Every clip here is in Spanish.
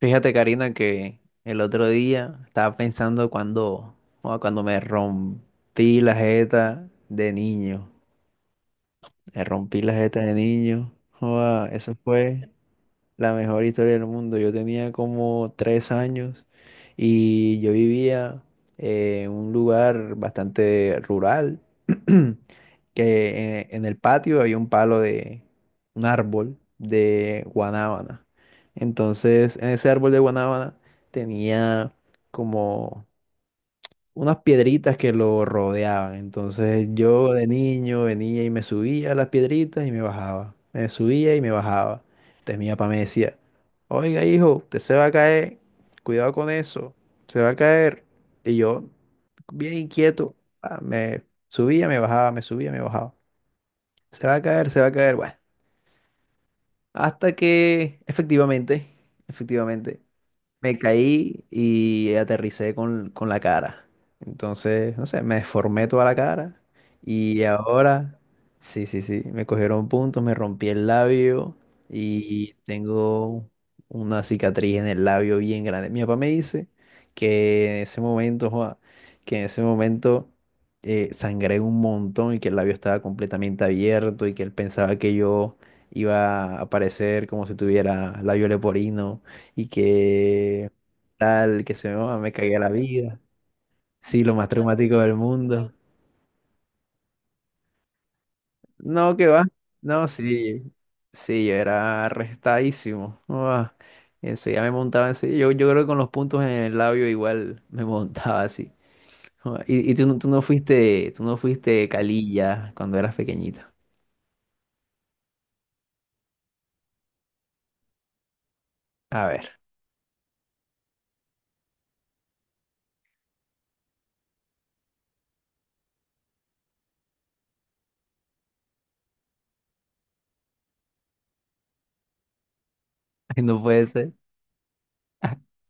Fíjate, Karina, que el otro día estaba pensando cuando me rompí la jeta de niño. Me rompí la jeta de niño. Joda, eso fue la mejor historia del mundo. Yo tenía como tres años y yo vivía en un lugar bastante rural, que en el patio había un palo de un árbol de guanábana. Entonces, en ese árbol de guanábana tenía como unas piedritas que lo rodeaban. Entonces yo de niño venía y me subía a las piedritas y me bajaba. Me subía y me bajaba. Entonces mi papá me decía, oiga hijo, usted se va a caer, cuidado con eso, se va a caer. Y yo, bien inquieto, me subía, me bajaba, me subía, me bajaba. Se va a caer, se va a caer. Bueno, hasta que efectivamente, efectivamente. Me caí y aterricé con la cara. Entonces, no sé, me deformé toda la cara. Y ahora, sí, sí, sí, me cogieron puntos, me rompí el labio y tengo una cicatriz en el labio bien grande. Mi papá me dice que en ese momento, joa, que en ese momento sangré un montón y que el labio estaba completamente abierto y que él pensaba que yo iba a aparecer como si tuviera labio leporino y que tal, que me cagué la vida. Sí, lo más traumático del mundo. No, que va. No, sí, sí, yo era arrestadísimo. Eso ya me montaba así. Yo creo que con los puntos en el labio igual me montaba así. Ah, y tú, tú no fuiste calilla cuando eras pequeñita. A ver, no puede ser.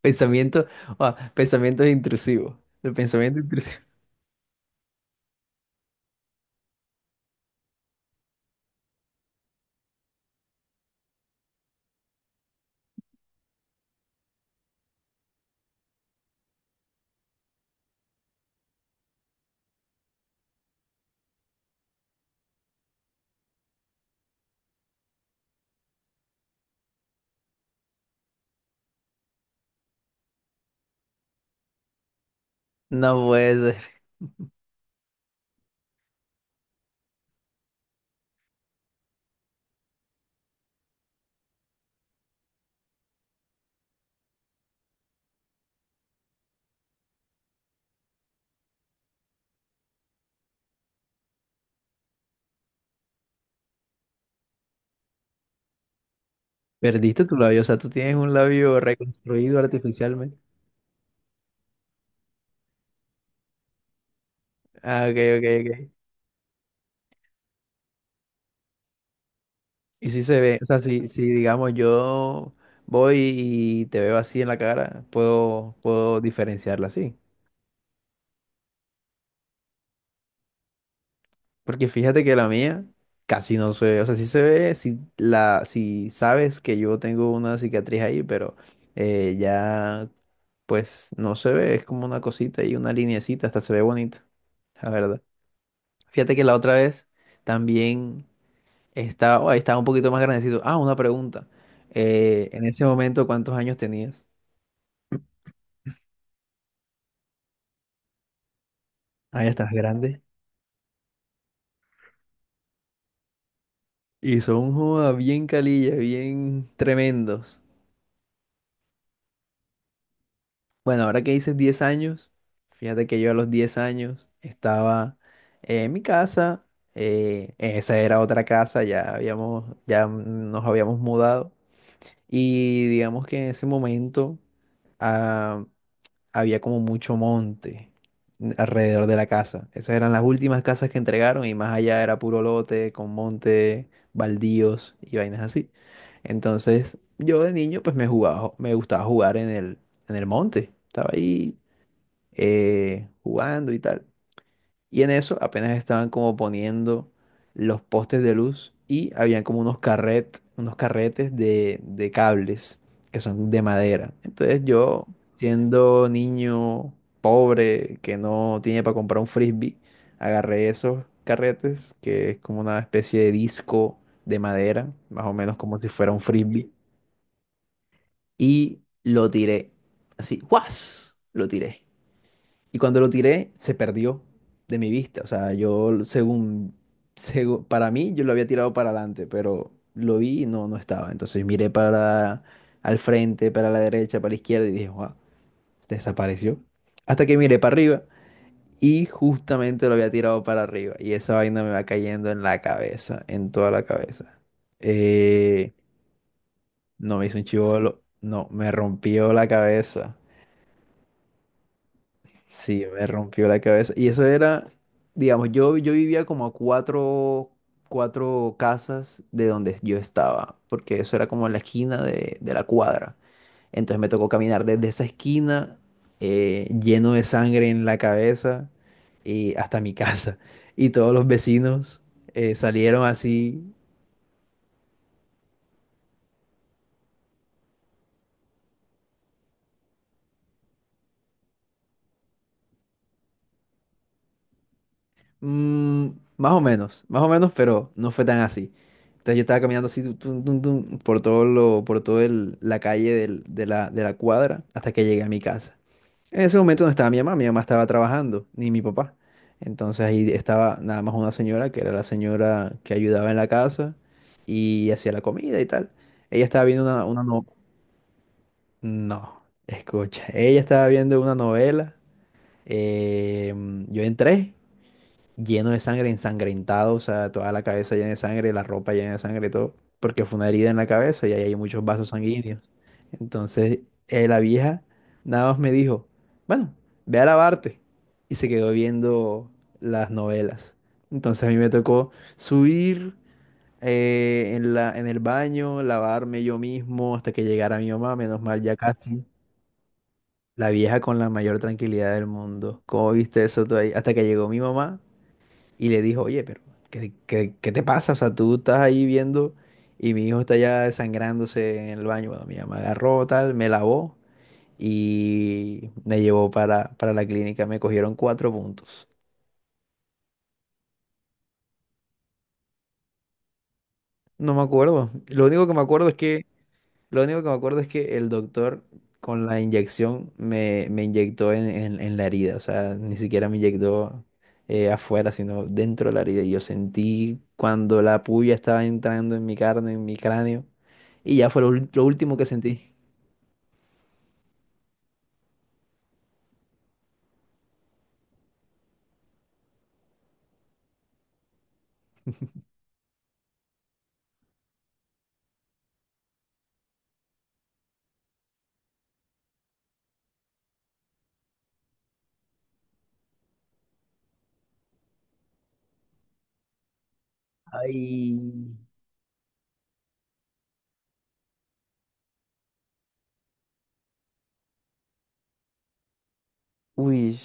Pensamiento, pensamientos intrusivos. El pensamiento intrusivo. No puede ser. Perdiste tu labio, o sea, tú tienes un labio reconstruido artificialmente. Ah, ok, ok, ok. Y si se ve, o sea, si, si digamos yo voy y te veo así en la cara, puedo, puedo diferenciarla así. Porque fíjate que la mía casi no se ve, o sea, sí se ve, si, si sabes que yo tengo una cicatriz ahí, pero ya pues no se ve, es como una cosita y una lineecita, hasta se ve bonita, la verdad. Fíjate que la otra vez también... estaba un poquito más grandecito. Ah, una pregunta. En ese momento, ¿cuántos años tenías? Ah, ya estás grande. Y son joda, bien calillas, bien tremendos. Bueno, ahora que dices 10 años, fíjate que yo a los 10 años estaba en mi casa. Esa era otra casa, ya habíamos, ya nos habíamos mudado. Y digamos que en ese momento. ah, Había como mucho monte alrededor de la casa. Esas eran las últimas casas que entregaron y más allá era puro lote con monte, baldíos y vainas así. Entonces, yo de niño pues me jugaba, me gustaba jugar en el monte. Estaba ahí jugando y tal. Y en eso apenas estaban como poniendo los postes de luz y habían como unos carretes de cables que son de madera. Entonces yo, siendo niño pobre que no tiene para comprar un frisbee, agarré esos carretes, que es como una especie de disco de madera, más o menos como si fuera un frisbee, y lo tiré. Así, ¡guas! Lo tiré. Y cuando lo tiré, se perdió de mi vista. O sea, para mí, yo lo había tirado para adelante, pero lo vi y no, no estaba. Entonces miré para al frente, para la derecha, para la izquierda y dije, wow, desapareció. Hasta que miré para arriba y justamente lo había tirado para arriba. Y esa vaina me va cayendo en la cabeza, en toda la cabeza. Eh, no me hizo un chivolo, no, me rompió la cabeza. Sí, me rompió la cabeza. Y eso era, digamos, yo vivía como a cuatro, cuatro casas de donde yo estaba, porque eso era como la esquina de la cuadra. Entonces me tocó caminar desde esa esquina, lleno de sangre en la cabeza, y hasta mi casa. Y todos los vecinos salieron así. Mm, más o menos, pero no fue tan así. Entonces yo estaba caminando así tum, tum, tum, tum, por todo la calle de la cuadra hasta que llegué a mi casa. En ese momento no estaba mi mamá estaba trabajando, ni mi papá. Entonces ahí estaba nada más una señora, que era la señora que ayudaba en la casa y hacía la comida y tal. Ella estaba viendo una no, no, escucha, ella estaba viendo una novela. eh, yo entré lleno de sangre, ensangrentado, o sea, toda la cabeza llena de sangre, la ropa llena de sangre, todo, porque fue una herida en la cabeza y ahí hay muchos vasos sanguíneos. Entonces, la vieja nada más me dijo, bueno, ve a lavarte. Y se quedó viendo las novelas. Entonces a mí me tocó subir en el baño, lavarme yo mismo hasta que llegara mi mamá, menos mal ya casi. La vieja con la mayor tranquilidad del mundo. ¿Cómo viste eso tú ahí? Hasta que llegó mi mamá y le dijo, oye, pero ¿ qué te pasa? O sea, tú estás ahí viendo y mi hijo está ya desangrándose en el baño. Bueno, mi mamá agarró tal, me lavó y me llevó para la clínica. Me cogieron cuatro puntos. No me acuerdo. Lo único que me acuerdo es que el doctor con la inyección me inyectó en la herida. O sea, ni siquiera me inyectó afuera, sino dentro de la herida. Y yo sentí cuando la puya estaba entrando en mi carne, en mi cráneo. Y ya fue lo último que sentí. Ay, uy,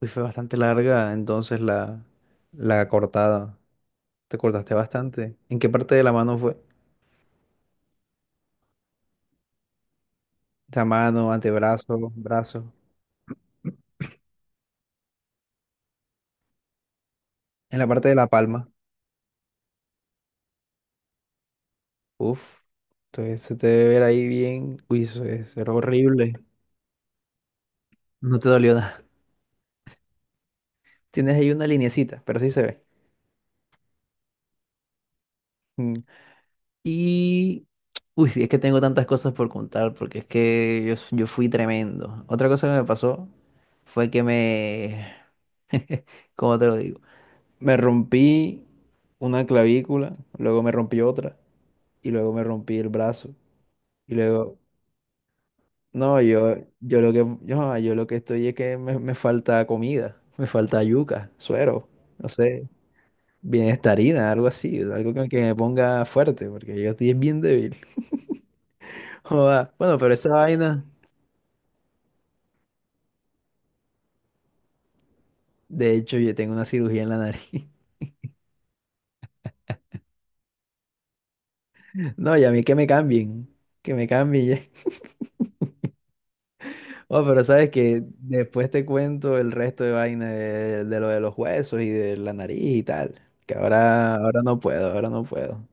uy, fue bastante larga entonces la cortada. Te cortaste bastante. ¿En qué parte de la mano fue? La mano, antebrazo, brazo. En la parte de la palma. Uf. Entonces se te debe ver ahí bien. Uy, eso es, era horrible. No te dolió nada. Tienes ahí una linecita, pero sí se ve. Y, uy, sí, es que tengo tantas cosas por contar, porque es que yo, yo fui tremendo. Otra cosa que me pasó fue que me, ¿cómo te lo digo? Me rompí una clavícula, luego me rompí otra, y luego me rompí el brazo. Y luego, no, yo lo que, yo lo que estoy es que me falta comida, me falta yuca, suero, no sé, bienestarina, algo así, algo que me ponga fuerte, porque yo estoy bien débil. Joda. Bueno, pero esa vaina, de hecho, yo tengo una cirugía en la nariz. No, y a mí que me cambien ya. Oh, pero sabes que después te cuento el resto de vaina de lo de los huesos y de la nariz y tal. Que ahora, ahora no puedo, ahora no puedo.